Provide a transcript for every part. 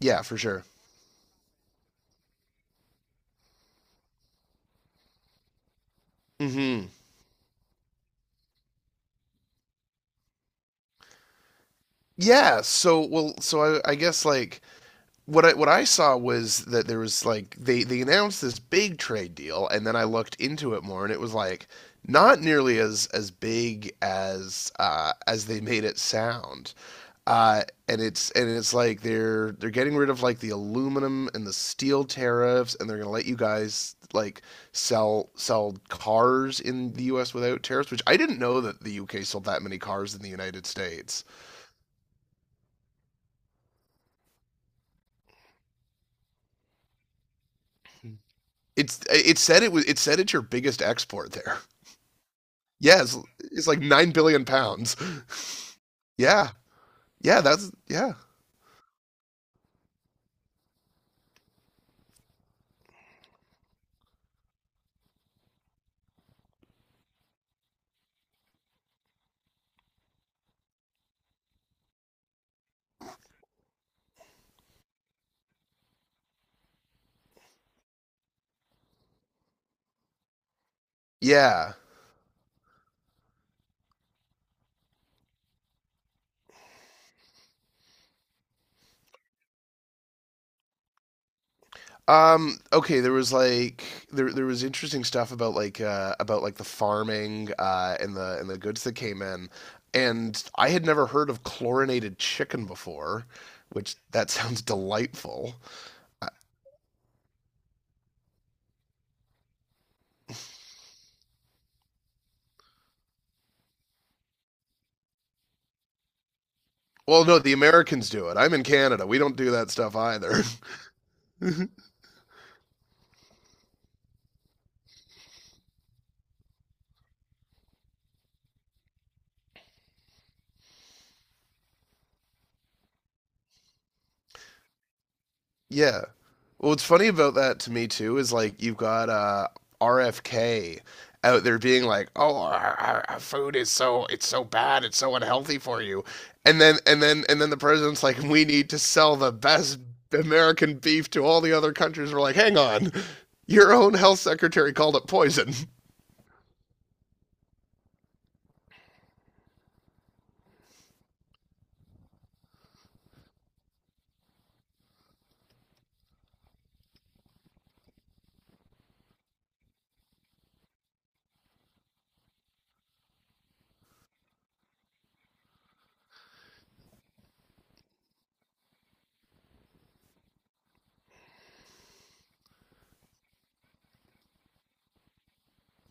Yeah, for sure. Hmm. So I guess like what I saw was that there was like they announced this big trade deal, and then I looked into it more, and it was like not nearly as big as they made it sound. And it's like they're getting rid of like the aluminum and the steel tariffs, and they're gonna let you guys like sell cars in the U.S. without tariffs, which I didn't know that the U.K. sold that many cars in the United States. It's it said it was it said it's your biggest export there. Yeah, it's, it's like £9 billion. Yeah, yeah, that's yeah, yeah. Okay, there was like there was interesting stuff about like the farming and the goods that came in. And I had never heard of chlorinated chicken before, which that sounds delightful. Uh, Well, no, the Americans do it. I'm in Canada. We don't do that stuff either. Yeah. Well, what's funny about that to me too is like you've got RFK out there being like, "Oh, our food is so it's so bad, it's so unhealthy for you," and then the president's like, "We need to sell the best American beef to all the other countries." We're like, "Hang on, your own health secretary called it poison."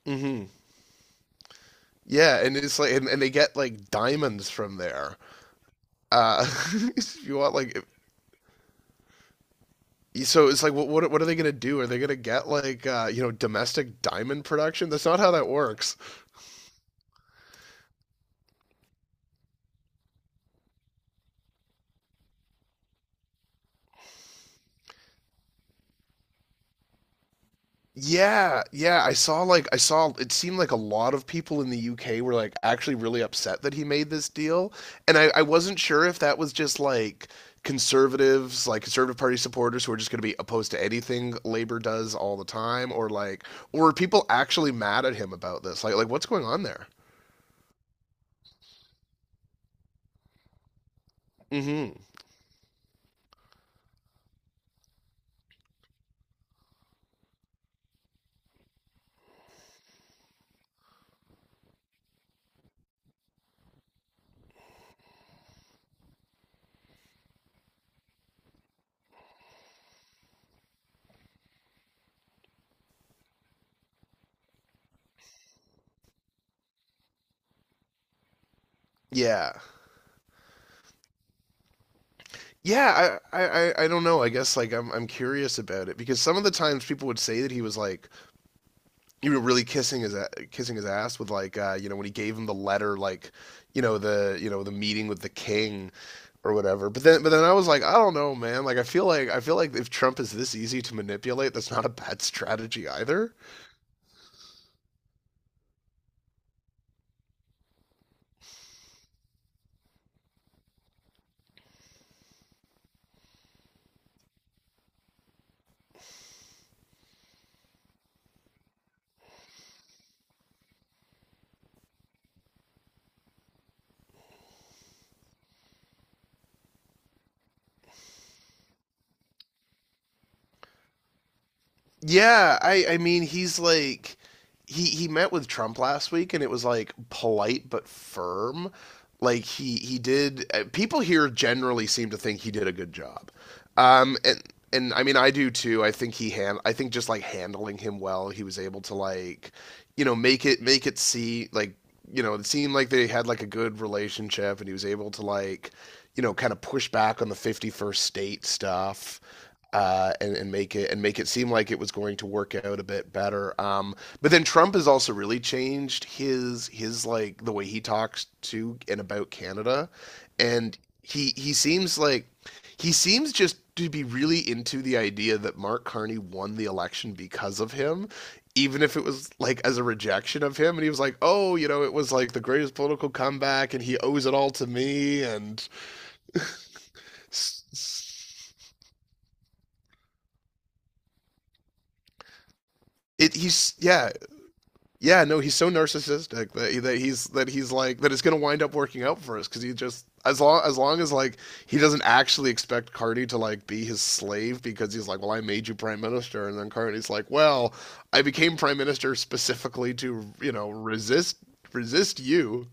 Hmm. Yeah, and it's like, and they get like diamonds from there. Uh, if you want like so it's like, what are they going to do? Are they going to get like you know, domestic diamond production? That's not how that works. Yeah, yeah. I saw like I saw it seemed like a lot of people in the UK were like actually really upset that he made this deal, and I wasn't sure if that was just like conservatives, like conservative party supporters who are just going to be opposed to anything Labour does all the time, or like, or are people actually mad at him about this? Like what's going on there? Hmm. Yeah. Yeah, don't know. I guess like I'm curious about it because some of the times people would say that he was like, you know, really kissing his ass with like, you know, when he gave him the letter, like, you know, the meeting with the king or whatever. But then I was like, I don't know, man. Like, I feel like if Trump is this easy to manipulate, that's not a bad strategy either. Yeah, I mean he's like he met with Trump last week and it was like polite but firm. Like he did people here generally seem to think he did a good job. Um, and and I mean, I do too. I think just like handling him well, he was able to like, you know, make it see like, you know, it seemed like they had like a good relationship, and he was able to like, you know, kind of push back on the 51st state stuff. And make it seem like it was going to work out a bit better. But then Trump has also really changed his like the way he talks to and about Canada, and he seems like he seems just to be really into the idea that Mark Carney won the election because of him, even if it was like as a rejection of him. And he was like, oh, you know, it was like the greatest political comeback and he owes it all to me. And it, he's, yeah, Yeah, no, he's so narcissistic that he's like that it's gonna wind up working out for us because he just as long as like he doesn't actually expect Carney to like be his slave because he's like, well, I made you prime minister, and then Carney's like, well, I became prime minister specifically to, you know, resist you.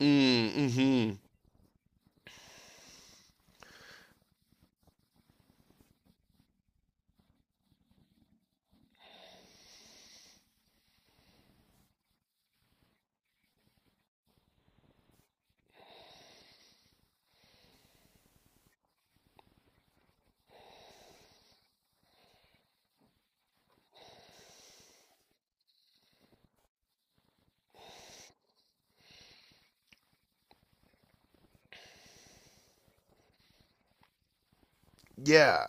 Mm, hmm Yeah.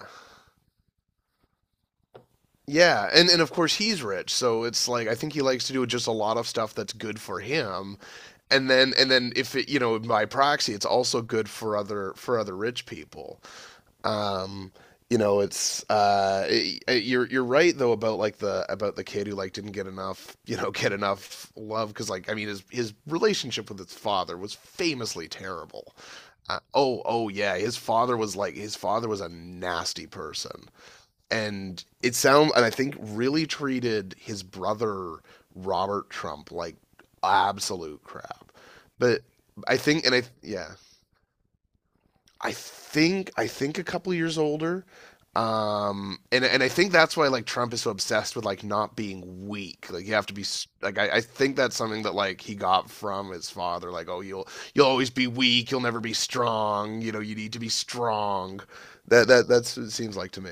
Yeah, and of course he's rich, so it's like I think he likes to do just a lot of stuff that's good for him and then if it, you know, by proxy it's also good for other rich people. um you know, you're right though about like the about the kid who like didn't get enough, you know, get enough love, because like I mean his relationship with his father was famously terrible. Oh, yeah, his father was a nasty person, and it sounds and I think really treated his brother Robert Trump like absolute crap. But I think and I yeah, I think a couple years older. And I think that's why like Trump is so obsessed with like not being weak. Like you have to be like I think that's something that like he got from his father, like oh you'll always be weak, you'll never be strong, you know, you need to be strong. That's what it seems like to me.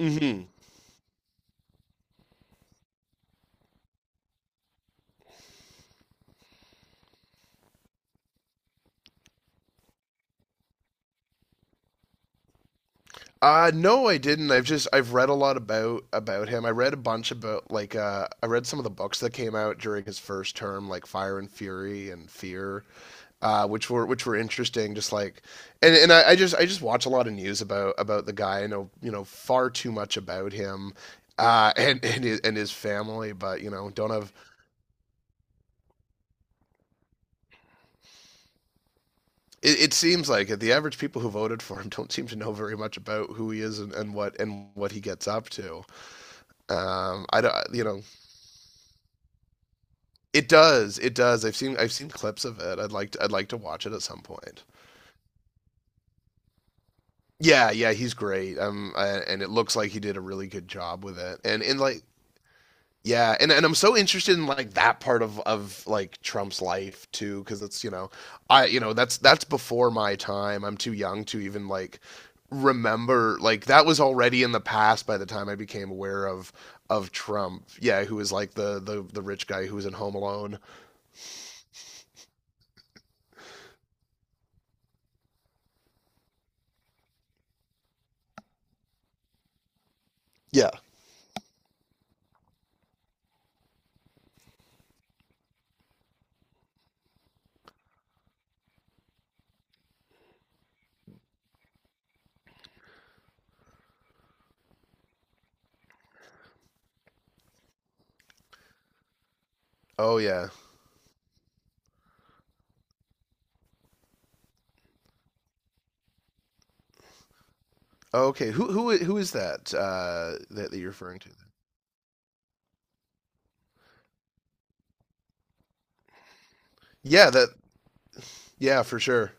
Mhm. No, I didn't. I've read a lot about him. I read a bunch about like I read some of the books that came out during his first term, like Fire and Fury and Fear, which were interesting. Just like and I just watch a lot of news about the guy. I know you know far too much about him, and and his family, but you know, don't have. It seems like the average people who voted for him don't seem to know very much about who he is, and, and what he gets up to. I don't, you know, it does. It does. I've seen clips of it. I'd like to watch it at some point. Yeah, yeah, he's great. And it looks like he did a really good job with it. And like yeah, and I'm so interested in like that part of like Trump's life too, because it's you know, I you know that's before my time. I'm too young to even like remember like that was already in the past by the time I became aware of Trump. Yeah, who was like the rich guy who was in Home Alone. Yeah. Oh yeah. Okay, who is that that you're referring to? Yeah, that yeah for sure.